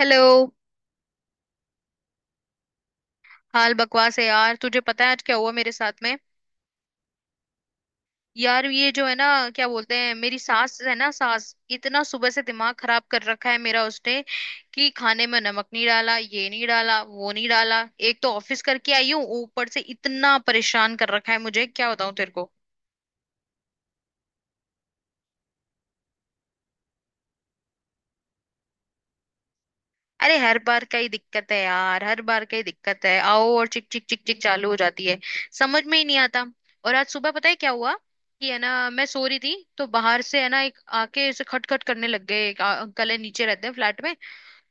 Hello. हाल बकवास है यार। तुझे पता है आज क्या हुआ मेरे साथ में? यार ये जो है ना, क्या बोलते हैं, मेरी सास है ना, सास, इतना सुबह से दिमाग खराब कर रखा है मेरा उसने। कि खाने में नमक नहीं डाला, ये नहीं डाला, वो नहीं डाला। एक तो ऑफिस करके आई हूँ, ऊपर से इतना परेशान कर रखा है मुझे, क्या बताऊं तेरे को। अरे हर बार का ही दिक्कत है यार, हर बार का ही दिक्कत है। आओ और चिक चिक चिक चिक चालू हो जाती है। समझ में ही नहीं आता। और आज सुबह पता है क्या हुआ? कि है ना, मैं सो रही थी तो बाहर से है ना एक आके ऐसे खटखट करने लग गए, एक अंकल है, नीचे रहते हैं फ्लैट में।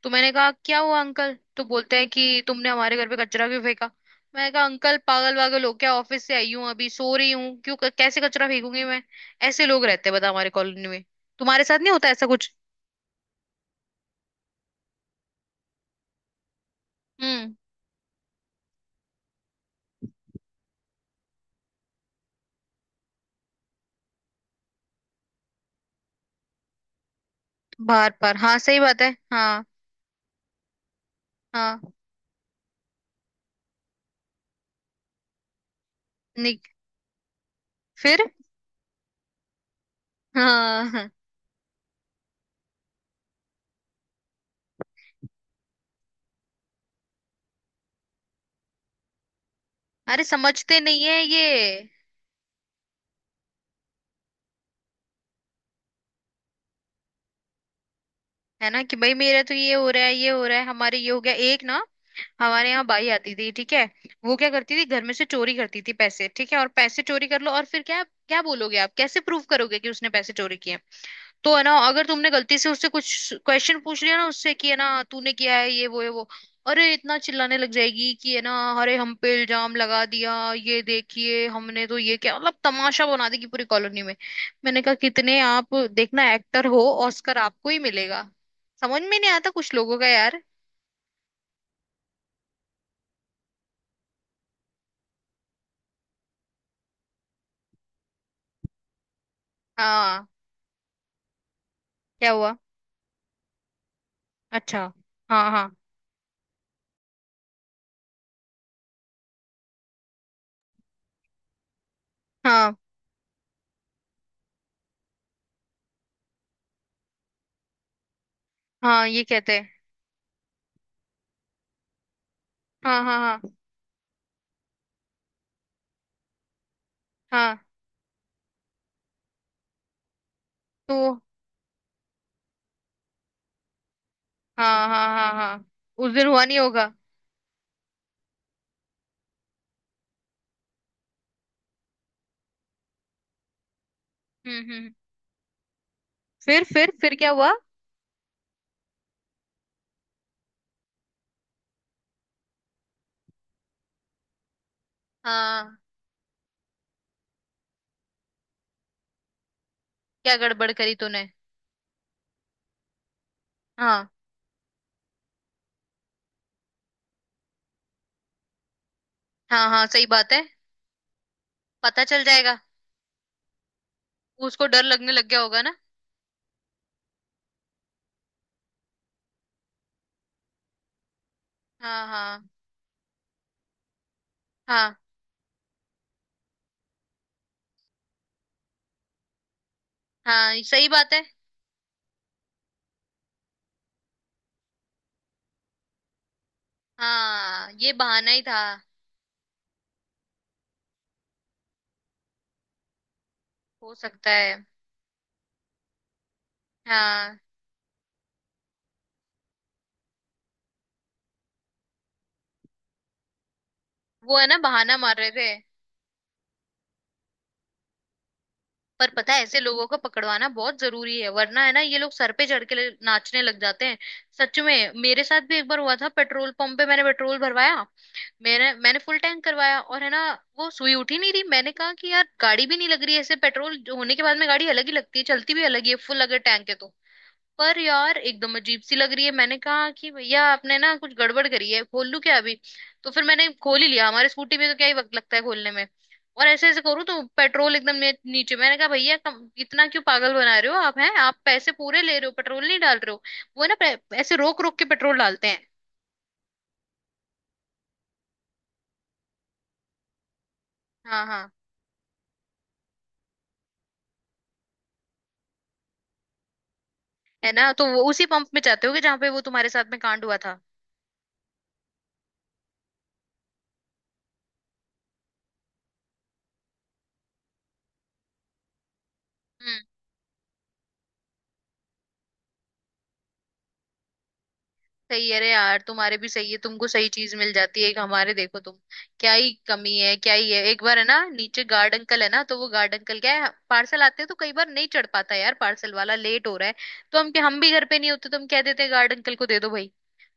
तो मैंने कहा क्या हुआ अंकल, तो बोलते हैं कि तुमने हमारे घर पे कचरा क्यों फेंका। मैंने कहा अंकल पागल वागल हो क्या, ऑफिस से आई हूँ, अभी सो रही हूँ, क्यों कैसे कचरा फेंकूंगी मैं। ऐसे लोग रहते हैं बता हमारे कॉलोनी में। तुम्हारे साथ नहीं होता ऐसा कुछ? हम्म। बाहर पर हाँ सही बात है हाँ। हाँ। निक, फिर। हाँ। अरे समझते नहीं है ये। है ना, कि भाई मेरा तो ये हो रहा है, ये हो रहा है, हमारे ये हो गया एक ना। हमारे यहाँ बाई आती थी, ठीक है। वो क्या करती थी, घर में से चोरी करती थी पैसे, ठीक है। और पैसे चोरी कर लो और फिर क्या क्या बोलोगे आप, कैसे प्रूव करोगे कि उसने पैसे चोरी किए। तो है ना, अगर तुमने गलती से उससे कुछ क्वेश्चन पूछ लिया ना उससे कि है ना तूने किया है ये वो है वो, अरे इतना चिल्लाने लग जाएगी कि है ना, अरे हम पे इल्जाम लगा दिया, ये देखिए हमने तो ये, क्या मतलब तमाशा बना देगी पूरी कॉलोनी में। मैंने कहा कितने आप देखना एक्टर हो, ऑस्कर आपको ही मिलेगा। समझ में नहीं आता कुछ लोगों का यार। हाँ, क्या हुआ? अच्छा। हाँ हाँ हाँ हाँ। ये कहते हैं। हाँ हाँ हाँ हाँ। तो हाँ हाँ हाँ हाँ। उस दिन हुआ नहीं होगा। हम्म हम्म हम्म। फिर क्या हुआ? हाँ। क्या गड़बड़ करी तूने? हाँ हाँ हाँ सही बात है। पता चल जाएगा। उसको डर लगने लग गया होगा ना। हाँ हाँ हाँ हाँ सही बात है। हाँ ये बहाना ही था। हो सकता है। हाँ। वो है ना बहाना मार रहे थे। पर पता है ऐसे लोगों को पकड़वाना बहुत जरूरी है, वरना है ना ये लोग सर पे चढ़ के नाचने लग जाते हैं। सच में मेरे साथ भी एक बार हुआ था, पेट्रोल पंप पे मैंने पेट्रोल भरवाया। मेरा, मैंने फुल टैंक करवाया और है ना, वो सुई उठ ही नहीं रही। मैंने कहा कि यार गाड़ी भी नहीं लग रही है ऐसे पेट्रोल जो होने के बाद में गाड़ी अलग ही लगती है, चलती भी अलग ही है फुल अगर टैंक है तो। पर यार एकदम अजीब सी लग रही है। मैंने कहा कि भैया आपने ना कुछ गड़बड़ करी है, खोल लूं क्या अभी? तो फिर मैंने खोल ही लिया, हमारे स्कूटी में तो क्या ही वक्त लगता है खोलने में। और ऐसे ऐसे करूँ तो पेट्रोल एकदम नीचे। मैंने कहा भैया कम, इतना क्यों पागल बना रहे हो आप, हैं? आप पैसे पूरे ले रहे हो, पेट्रोल नहीं डाल रहे हो। वो है ना ऐसे रोक रोक के पेट्रोल डालते हैं। हाँ हाँ। है ना, तो वो उसी पंप में जाते होगे जहाँ पे वो तुम्हारे साथ में कांड हुआ था। हम्म। सही है। अरे यार तुम्हारे भी सही है, तुमको सही चीज मिल जाती है। एक हमारे देखो तुम, क्या ही कमी है क्या ही है। एक बार है ना नीचे गार्ड अंकल है ना, तो वो गार्ड अंकल क्या है, पार्सल आते हैं तो कई बार नहीं चढ़ पाता यार पार्सल वाला, लेट हो रहा है तो। हम भी घर पे नहीं होते तो हम कह देते हैं गार्ड अंकल को दे दो भाई,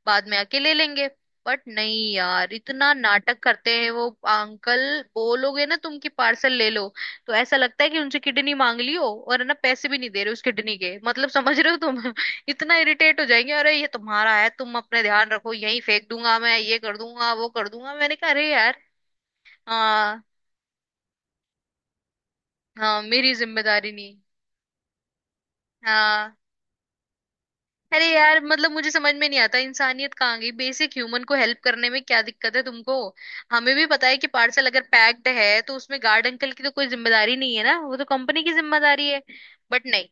बाद में आके ले लेंगे। बट नहीं यार, इतना नाटक करते हैं वो अंकल। बोलोगे ना तुम कि पार्सल ले लो, तो ऐसा लगता है कि उनसे किडनी मांग ली हो, और है ना पैसे भी नहीं दे रहे उस किडनी के, मतलब समझ रहे हो तुम। इतना इरिटेट हो जाएंगे, अरे ये तुम्हारा है, तुम अपने ध्यान रखो, यहीं फेंक दूंगा मैं, ये कर दूंगा, वो कर दूंगा। मैंने कहा अरे यार। हाँ। हाँ मेरी जिम्मेदारी नहीं। हाँ। अरे यार मतलब मुझे समझ में नहीं आता, इंसानियत कहाँ गई? बेसिक ह्यूमन को हेल्प करने में क्या दिक्कत है तुमको। हमें भी पता है कि पार्सल अगर पैक्ड है तो उसमें गार्ड अंकल की तो कोई जिम्मेदारी नहीं है ना, वो तो कंपनी की जिम्मेदारी है। बट नहीं,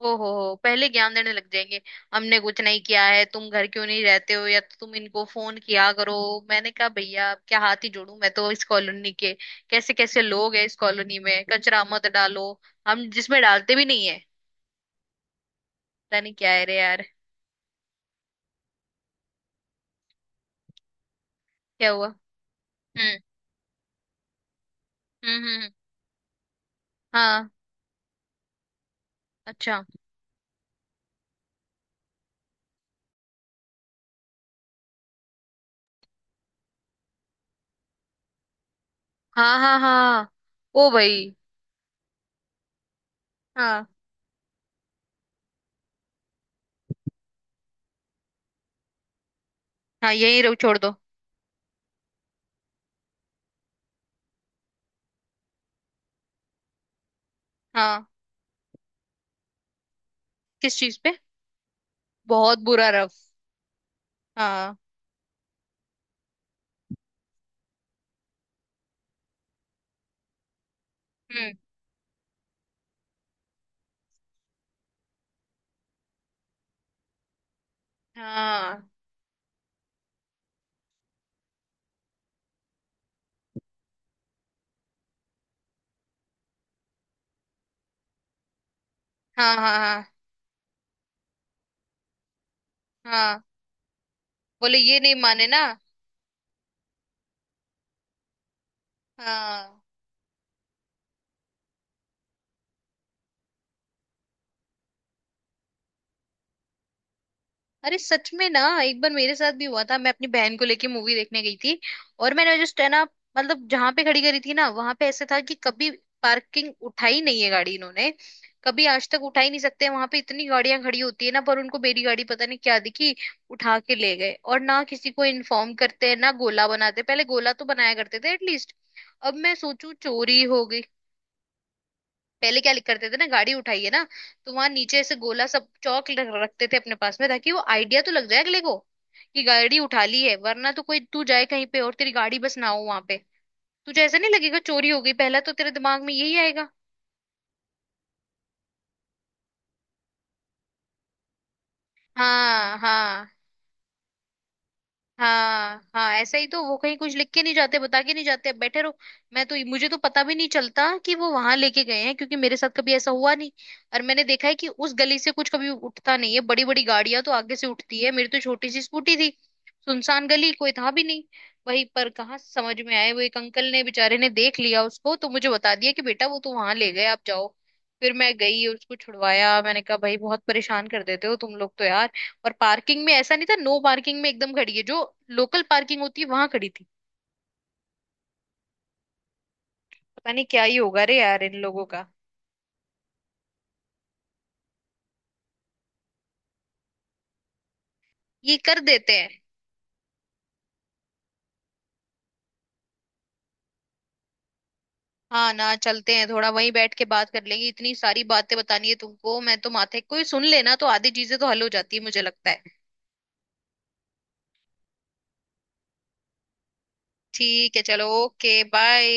ओ हो, पहले ज्ञान देने लग जाएंगे। हमने कुछ नहीं किया है, तुम घर क्यों नहीं रहते हो, या तो तुम इनको फोन किया करो। मैंने कहा भैया अब क्या हाथ ही जोड़ू मैं, तो इस कॉलोनी के, कैसे कैसे लोग हैं इस कॉलोनी में, कचरा मत डालो, हम जिसमें डालते भी नहीं है। पता नहीं क्या है रे यार। क्या हुआ? हम्म हम्म हम्म, हाँ। अच्छा। हाँ हाँ हाँ। ओ भाई। हाँ हाँ यही रहो छोड़ दो। हाँ। किस चीज पे? बहुत बुरा रफ। हाँ। हम्म। हाँ हाँ हाँ हाँ हाँ। बोले ये नहीं माने ना। हाँ। अरे सच में ना, एक बार मेरे साथ भी हुआ था। मैं अपनी बहन को लेके मूवी देखने गई थी, और मैंने जस्ट है ना, मतलब जहां पे खड़ी करी थी ना वहां पे ऐसे था कि कभी पार्किंग उठाई नहीं है गाड़ी इन्होंने, कभी आज तक उठा ही नहीं सकते वहां पे, इतनी गाड़ियां खड़ी होती है ना, पर उनको मेरी गाड़ी पता नहीं क्या दिखी, उठा के ले गए और ना किसी को इन्फॉर्म करते हैं ना गोला बनाते, पहले गोला तो बनाया करते थे एटलीस्ट। अब मैं सोचू चोरी हो गई। पहले क्या लिख करते थे ना, गाड़ी उठाइए ना, तो वहां नीचे ऐसे गोला सब चौक रखते थे अपने पास में, ताकि वो आइडिया तो लग जाए अगले को कि गाड़ी उठा ली है, वरना तो कोई तू जाए कहीं पे और तेरी गाड़ी बस ना हो वहां पे, तुझे ऐसा नहीं लगेगा चोरी हो गई, पहला तो तेरे दिमाग में यही आएगा। हाँ हाँ। हाँ हाँ ऐसा ही, तो वो कहीं कुछ लिख के नहीं जाते, बता के नहीं जाते, अब बैठे रहो। मैं तो, मुझे तो पता भी नहीं चलता कि वो वहां लेके गए हैं, क्योंकि मेरे साथ कभी ऐसा हुआ नहीं, और मैंने देखा है कि उस गली से कुछ कभी उठता नहीं है, बड़ी बड़ी गाड़ियां तो आगे से उठती है, मेरी तो छोटी सी स्कूटी थी, सुनसान गली, कोई था भी नहीं, वहीं पर कहाँ से समझ में आए। वो एक अंकल ने बेचारे ने देख लिया उसको तो, मुझे बता दिया कि बेटा वो तो वहां ले गए आप जाओ। फिर मैं गई उसको छुड़वाया, मैंने कहा भाई बहुत परेशान कर देते हो तुम लोग तो यार। और पार्किंग में ऐसा नहीं था, नो पार्किंग में एकदम खड़ी है, जो लोकल पार्किंग होती है वहां खड़ी थी। पता नहीं क्या ही होगा रे यार इन लोगों का। ये कर देते हैं। हाँ ना चलते हैं, थोड़ा वहीं बैठ के बात कर लेंगे, इतनी सारी बातें बतानी है तुमको। मैं तो माथे, कोई सुन लेना तो आधी चीजें तो हल हो जाती है मुझे लगता है। ठीक है चलो ओके बाय।